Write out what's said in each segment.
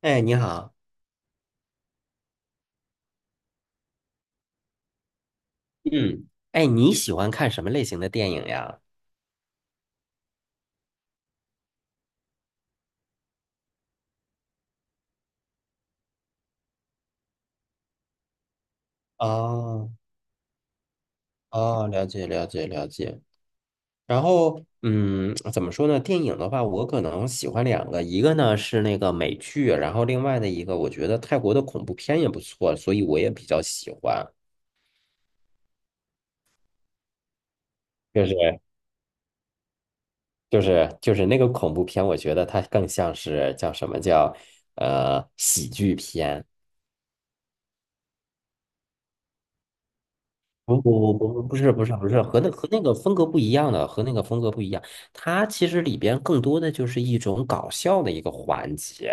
哎，你好，嗯，哎，你喜欢看什么类型的电影呀？哦哦，了解了解了解。然后，怎么说呢？电影的话，我可能喜欢两个，一个呢是那个美剧，然后另外的一个，我觉得泰国的恐怖片也不错，所以我也比较喜欢。就是就是那个恐怖片，我觉得它更像是叫什么叫喜剧片。不不不不不是不是不是和那和那个风格不一样的，和那个风格不一样。它其实里边更多的就是一种搞笑的一个环节。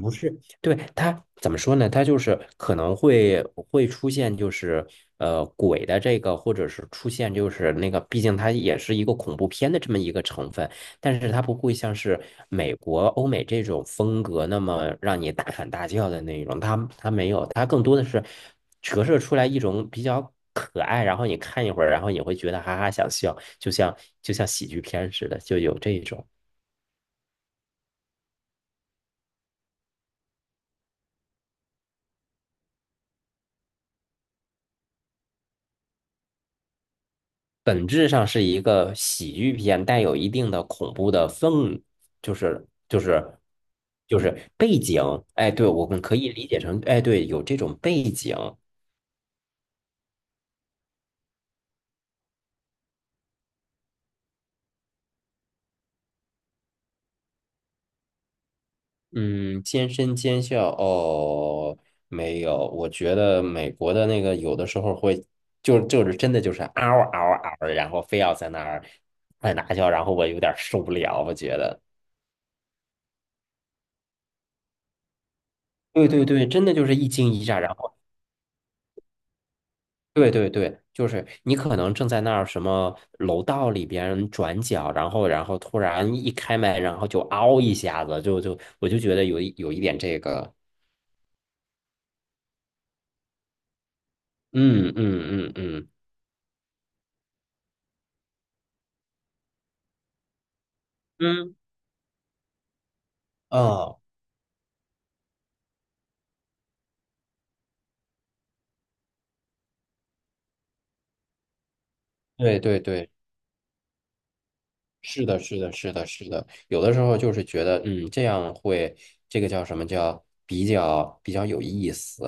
不是，对，它怎么说呢？它就是可能会出现，就是鬼的这个，或者是出现就是那个，毕竟它也是一个恐怖片的这么一个成分，但是它不会像是美国、欧美这种风格那么让你大喊大叫的那种，它没有，它更多的是折射出来一种比较可爱，然后你看一会儿，然后你会觉得哈哈想笑，就像喜剧片似的，就有这种。本质上是一个喜剧片，带有一定的恐怖的氛，就是就是就是背景。哎，对，我们可以理解成，哎，对，有这种背景。嗯，尖声尖笑哦，没有，我觉得美国的那个有的时候会，就是真的就是嗷嗷嗷，然后非要在那叫，然后我有点受不了，我觉得。对对对，真的就是一惊一乍，然后。对对对，就是你可能正在那儿什么楼道里边转角，然后突然一开门，然后就嗷一下子，就我就觉得有一点这个，嗯嗯嗯嗯嗯，哦，对对对，是的，是的，是的，是的，有的时候就是觉得，这样会这个叫什么叫比较有意思，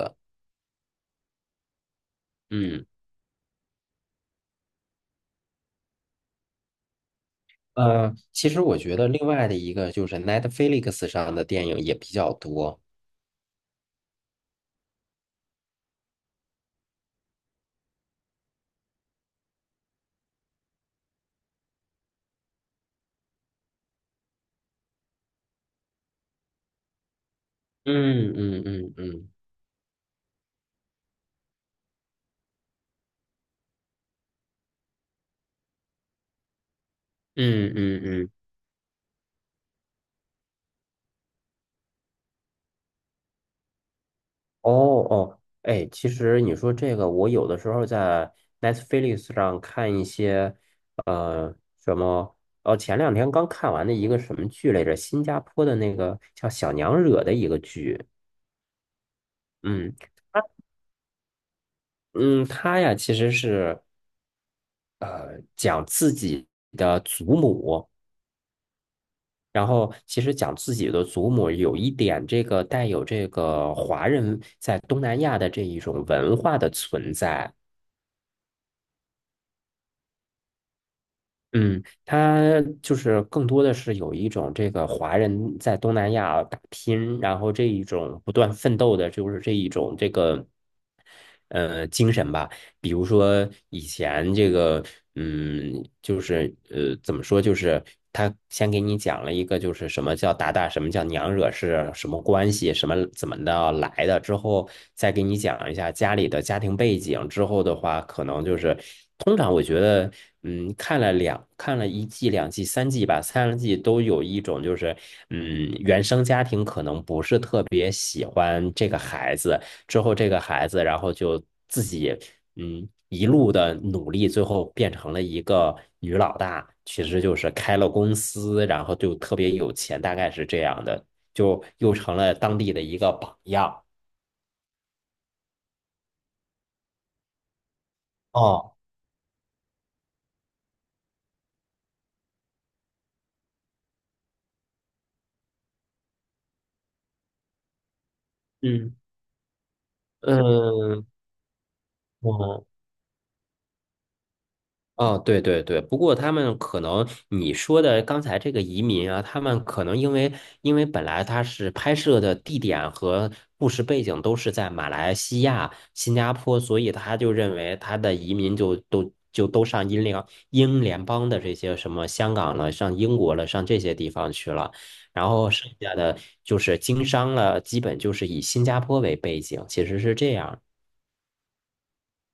嗯。其实我觉得另外的一个就是 Netflix 上的电影也比较多，嗯嗯嗯嗯。嗯嗯嗯，哦哦，哎，其实你说这个，我有的时候在 Netflix 上看一些，呃，什么，哦，前两天刚看完的一个什么剧来着，新加坡的那个叫《小娘惹》的一个剧，嗯嗯，它呀其实是讲自己的祖母，然后其实讲自己的祖母有一点这个带有这个华人在东南亚的这一种文化的存在。嗯，他就是更多的是有一种这个华人在东南亚打拼，然后这一种不断奋斗的，就是这一种这个精神吧。比如说以前这个，嗯，就是怎么说，就是他先给你讲了一个，就是什么叫打打，什么叫娘惹是什么关系，什么怎么的来的，之后再给你讲一下家里的家庭背景，之后的话，可能就是通常我觉得，看了一季、两季、三季吧，三季都有一种就是，原生家庭可能不是特别喜欢这个孩子。之后这个孩子，然后就自己一路的努力，最后变成了一个女老大，其实就是开了公司，然后就特别有钱，大概是这样的，就又成了当地的一个榜样。哦，嗯，嗯，我哦，对对对，不过他们可能你说的刚才这个移民啊，他们可能因为本来他是拍摄的地点和故事背景都是在马来西亚、新加坡，所以他就认为他的移民就都上英联邦的这些什么香港了、上英国了、上这些地方去了，然后剩下的就是经商了，基本就是以新加坡为背景，其实是这样。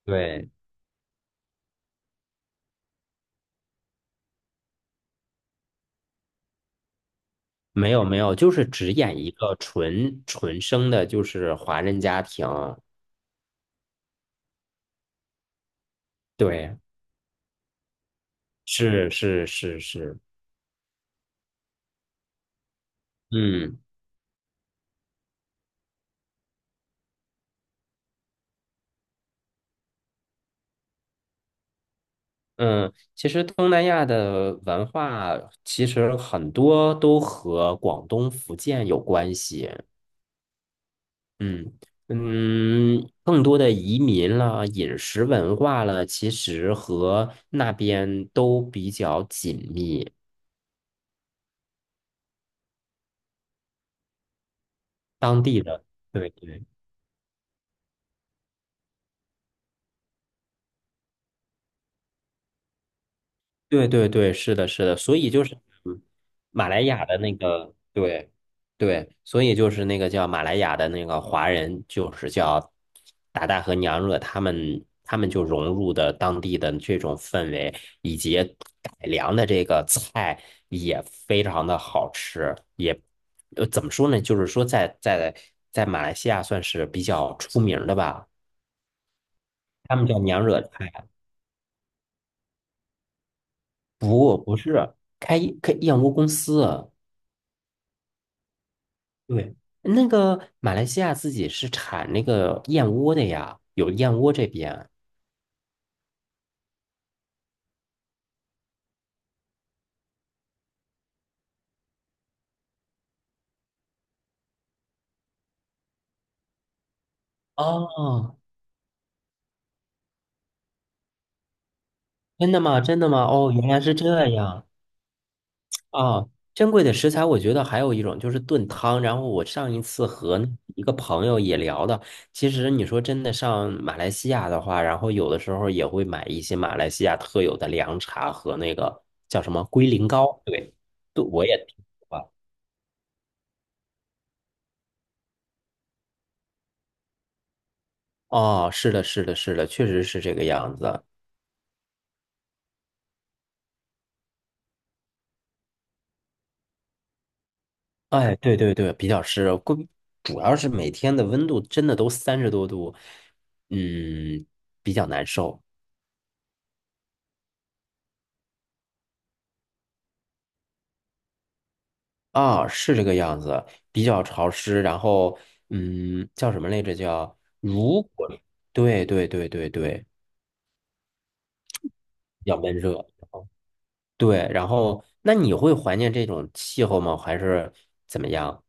对。没有没有，就是只演一个纯生的，就是华人家庭。对，是是是是，嗯嗯，其实东南亚的文化其实很多都和广东、福建有关系。嗯嗯，更多的移民了、饮食文化了，其实和那边都比较紧密，当地的。对对。对对对，是的，是的，所以就是马来亚的那个，对对，所以就是那个叫马来亚的那个华人，就是叫达达和娘惹，他们就融入的当地的这种氛围，以及改良的这个菜也非常的好吃，也怎么说呢，就是说在马来西亚算是比较出名的吧，他们叫娘惹菜，开一开燕窝公司啊。对，那个马来西亚自己是产那个燕窝的呀，有燕窝这边。哦，真的吗？真的吗？哦，原来是这样啊！珍贵的食材，我觉得还有一种就是炖汤。然后我上一次和那一个朋友也聊的，其实你说真的上马来西亚的话，然后有的时候也会买一些马来西亚特有的凉茶和那个叫什么龟苓膏。对，对，我也听说过。哦，是的，是的，是的，确实是这个样子。哎，对对对，比较湿，主要是每天的温度真的都30多度，嗯，比较难受啊，是这个样子，比较潮湿，然后叫什么来着？叫如果对对对对对，比较闷热，对，然后那你会怀念这种气候吗？还是怎么样？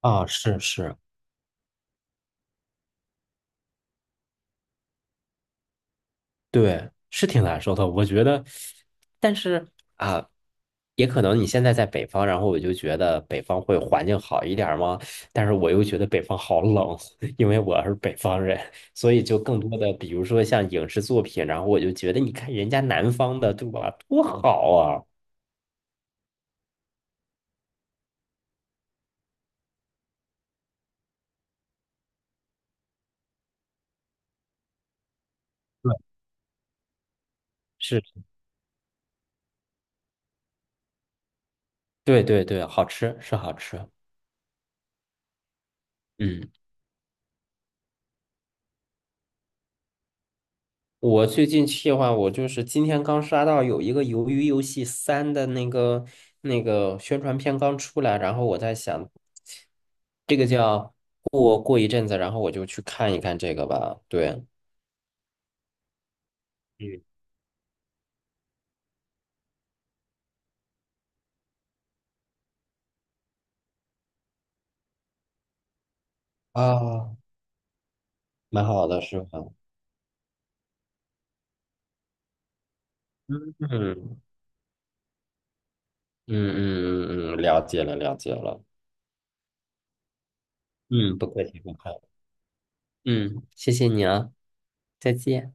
啊，是是。对，是挺难受的，我觉得。但是啊，也可能你现在在北方，然后我就觉得北方会环境好一点儿吗？但是我又觉得北方好冷，因为我是北方人，所以就更多的，比如说像影视作品，然后我就觉得，你看人家南方的，对吧？多好啊！对，是，对对对，好吃是好吃，嗯。我最近计话，我就是今天刚刷到有一个《鱿鱼游戏三》的那个宣传片刚出来，然后我在想，这个叫过一阵子，然后我就去看一看这个吧。对，嗯啊，蛮好的，是吧？嗯嗯嗯嗯嗯，了解了了解了。嗯，不客气不客气。嗯，谢谢你啊，再见。